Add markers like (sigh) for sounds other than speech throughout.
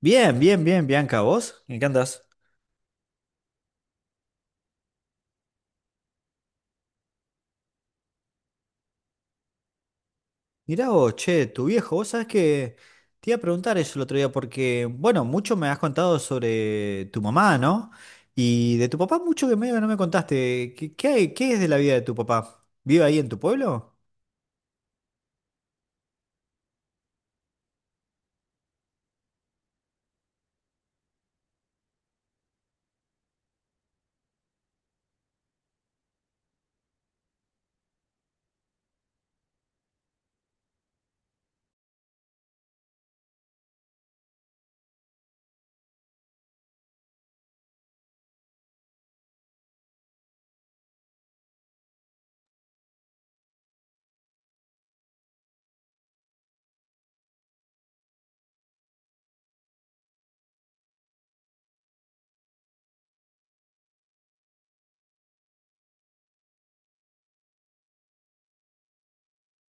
Bien, bien, bien, Bianca, ¿vos? ¿En qué andás? Mirá vos, che, tu viejo, vos sabés que te iba a preguntar eso el otro día porque, bueno, mucho me has contado sobre tu mamá, ¿no? Y de tu papá mucho que medio que no me contaste. ¿Qué es de la vida de tu papá? ¿Vive ahí en tu pueblo?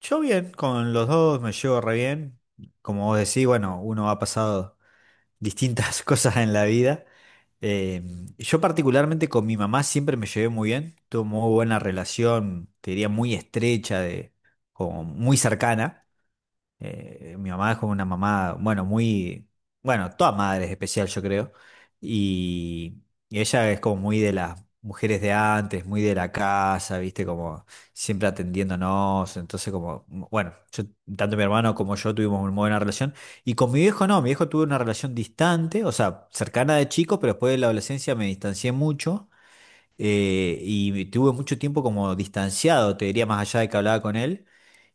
Yo bien, con los dos me llevo re bien. Como vos decís, bueno, uno ha pasado distintas (laughs) cosas en la vida. Eh, yo particularmente con mi mamá siempre me llevé muy bien, tuve muy buena relación, te diría muy estrecha, como muy cercana. Mi mamá es como una mamá, bueno, bueno, toda madre es especial, yo creo. Y, y ella es como muy de las mujeres de antes, muy de la casa, viste, como siempre atendiéndonos. Entonces, como, bueno, tanto mi hermano como yo tuvimos una buena relación. Y con mi viejo no, mi viejo tuvo una relación distante, o sea, cercana de chico, pero después de la adolescencia me distancié mucho. Y tuve mucho tiempo como distanciado, te diría, más allá de que hablaba con él.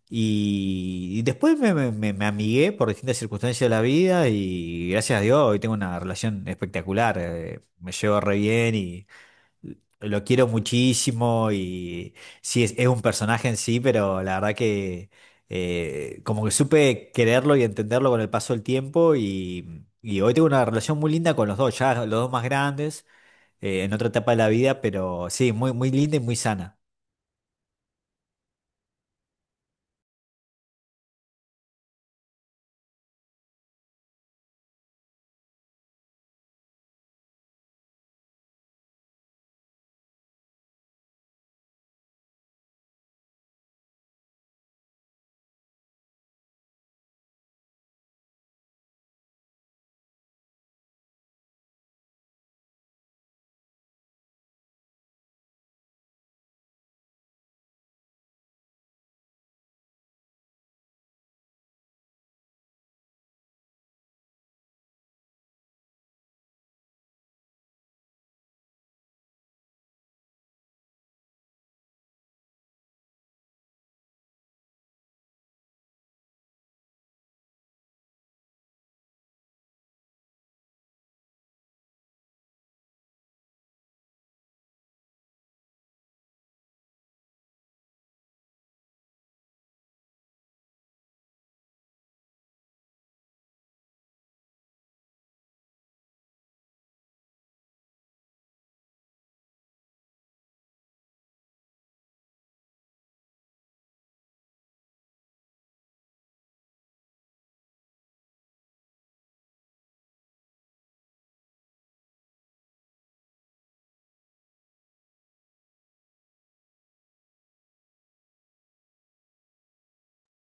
Y después me amigué por distintas circunstancias de la vida y gracias a Dios hoy tengo una relación espectacular. Me llevo re bien y lo quiero muchísimo y sí, es un personaje en sí, pero la verdad que como que supe quererlo y entenderlo con el paso del tiempo y hoy tengo una relación muy linda con los dos, ya los dos más grandes, en otra etapa de la vida, pero sí, muy, muy linda y muy sana.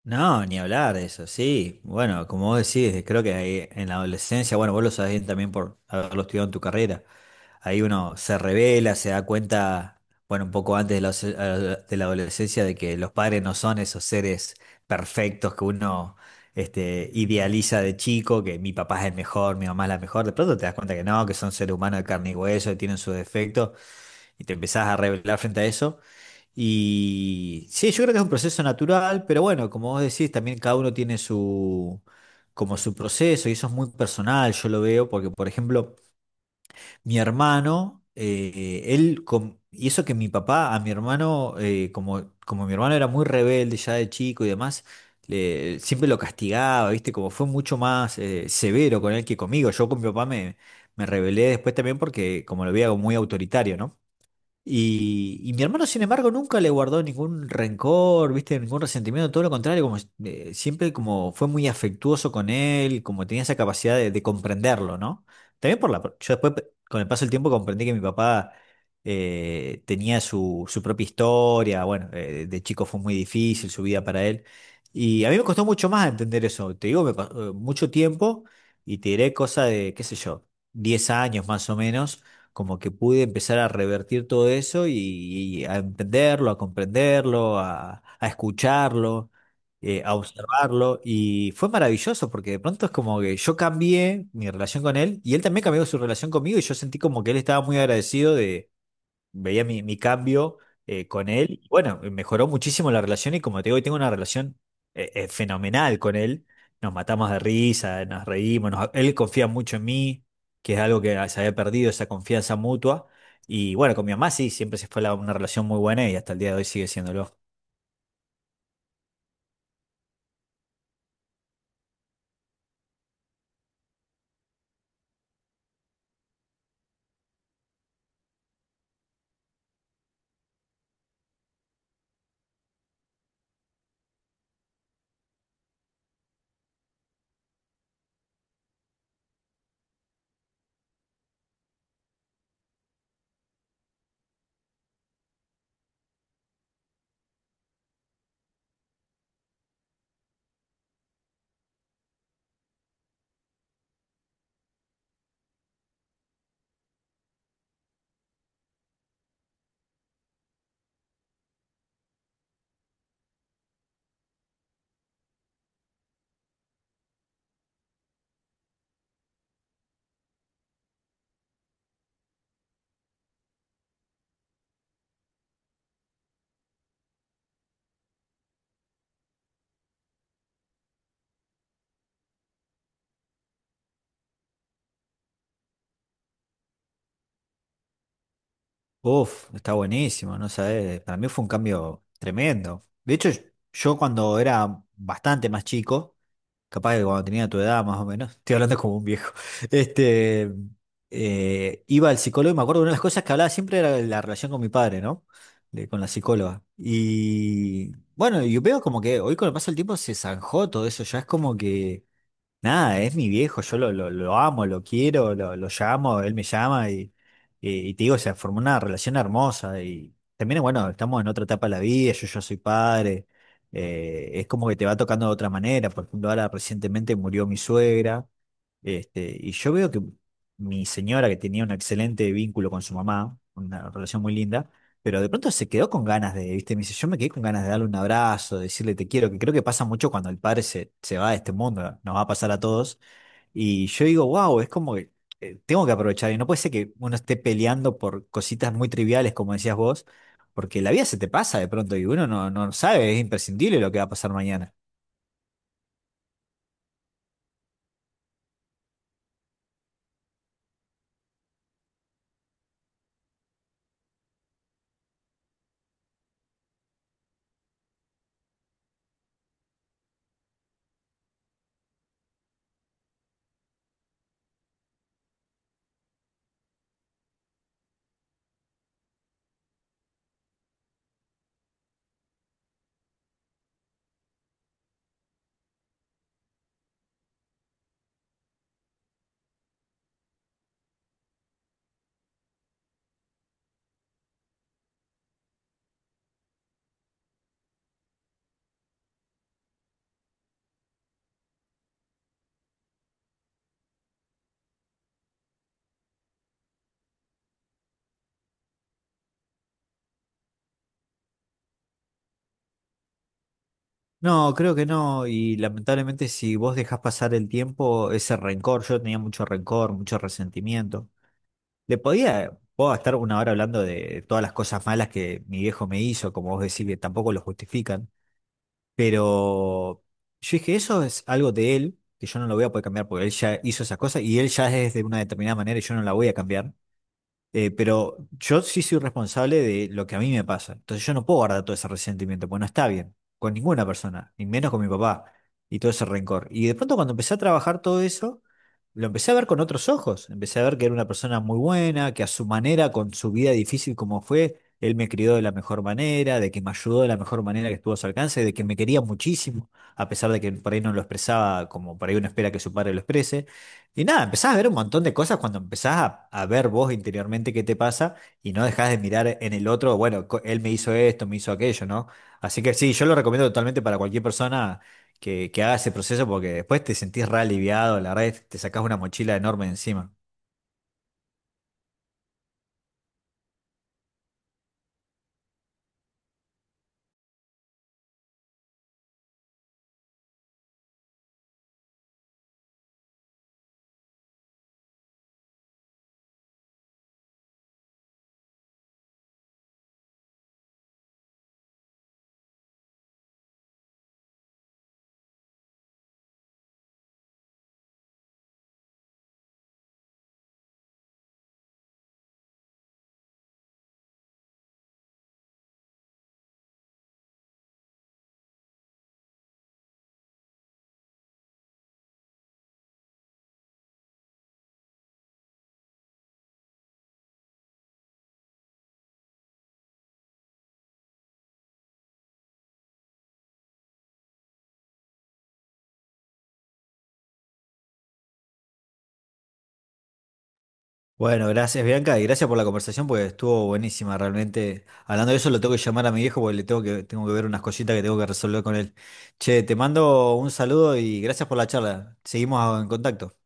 No, ni hablar de eso, sí. Bueno, como vos decís, creo que ahí en la adolescencia, bueno, vos lo sabés bien también por haberlo estudiado en tu carrera, ahí uno se revela, se da cuenta, bueno, un poco antes de la adolescencia, de que los padres no son esos seres perfectos que uno idealiza de chico, que mi papá es el mejor, mi mamá es la mejor, de pronto te das cuenta que no, que son seres humanos de carne y hueso, que tienen sus defectos, y te empezás a revelar frente a eso. Y sí, yo creo que es un proceso natural, pero bueno, como vos decís, también cada uno tiene su, como su proceso y eso es muy personal, yo lo veo, porque por ejemplo, mi hermano, y eso que mi papá a mi hermano, como mi hermano era muy rebelde ya de chico y demás, siempre lo castigaba, ¿viste? Como fue mucho más severo con él que conmigo. Yo con mi papá me rebelé después también porque como lo veía como muy autoritario, ¿no? Y mi hermano, sin embargo, nunca le guardó ningún rencor, ¿viste? Ningún resentimiento, todo lo contrario, como siempre como fue muy afectuoso con él, como tenía esa capacidad de comprenderlo, ¿no? También por la... Yo después, con el paso del tiempo, comprendí que mi papá tenía su propia historia, bueno, de chico fue muy difícil su vida para él, y a mí me costó mucho más entender eso, te digo, mucho tiempo, y te diré cosa de, qué sé yo, 10 años más o menos como que pude empezar a revertir todo eso y a entenderlo, a comprenderlo, a escucharlo, a observarlo. Y fue maravilloso porque de pronto es como que yo cambié mi relación con él y él también cambió su relación conmigo y yo sentí como que él estaba muy agradecido, veía mi cambio con él. Y bueno, mejoró muchísimo la relación y como te digo, hoy tengo una relación fenomenal con él. Nos matamos de risa, nos reímos, él confía mucho en mí, que es algo que se había perdido, esa confianza mutua. Y bueno, con mi mamá sí, siempre se fue una relación muy buena y hasta el día de hoy sigue siéndolo. Uf, está buenísimo, no sabes, para mí fue un cambio tremendo. De hecho, yo cuando era bastante más chico, capaz que cuando tenía tu edad más o menos, (laughs) estoy hablando como un viejo, (laughs) este, iba al psicólogo y me acuerdo una de las cosas que hablaba siempre era de la relación con mi padre, ¿no? De- con la psicóloga. Y bueno, yo veo como que hoy con el paso del tiempo se zanjó todo eso, ya es como que... Nada, es mi viejo, yo lo amo, lo quiero, lo llamo, él me llama y te digo, se formó una relación hermosa y también, bueno, estamos en otra etapa de la vida, yo ya soy padre, es como que te va tocando de otra manera, por ejemplo, ahora recientemente murió mi suegra, y yo veo que mi señora, que tenía un excelente vínculo con su mamá, una relación muy linda, pero de pronto se quedó con ganas de, ¿viste? Me dice, yo me quedé con ganas de darle un abrazo, de decirle te quiero, que creo que pasa mucho cuando el padre se va de este mundo, nos va a pasar a todos. Y yo digo, wow, es como que tengo que aprovechar, y no puede ser que uno esté peleando por cositas muy triviales, como decías vos, porque la vida se te pasa de pronto y uno no, no sabe, es imprescindible lo que va a pasar mañana. No, creo que no, y lamentablemente si vos dejás pasar el tiempo, ese rencor, yo tenía mucho rencor, mucho resentimiento. Le podía, puedo estar una hora hablando de todas las cosas malas que mi viejo me hizo, como vos decís, que tampoco lo justifican, pero yo dije, eso es algo de él, que yo no lo voy a poder cambiar porque él ya hizo esas cosas y él ya es de una determinada manera y yo no la voy a cambiar. Pero yo sí soy responsable de lo que a mí me pasa. Entonces yo no puedo guardar todo ese resentimiento, pues no está bien, con ninguna persona, ni menos con mi papá, y todo ese rencor. Y de pronto cuando empecé a trabajar todo eso, lo empecé a ver con otros ojos. Empecé a ver que era una persona muy buena, que a su manera, con su vida difícil como fue, él me crió de la mejor manera, de que me ayudó de la mejor manera que estuvo a su alcance, de que me quería muchísimo, a pesar de que por ahí no lo expresaba como por ahí uno espera que su padre lo exprese. Y nada, empezás a ver un montón de cosas cuando empezás a ver vos interiormente qué te pasa y no dejás de mirar en el otro, bueno, él me hizo esto, me hizo aquello, ¿no? Así que sí, yo lo recomiendo totalmente para cualquier persona que haga ese proceso porque después te sentís re aliviado, la verdad, es que te sacás una mochila enorme encima. Bueno, gracias Bianca y gracias por la conversación porque estuvo buenísima realmente. Hablando de eso, lo tengo que llamar a mi viejo porque le tengo que ver unas cositas que tengo que resolver con él. Che, te mando un saludo y gracias por la charla. Seguimos en contacto.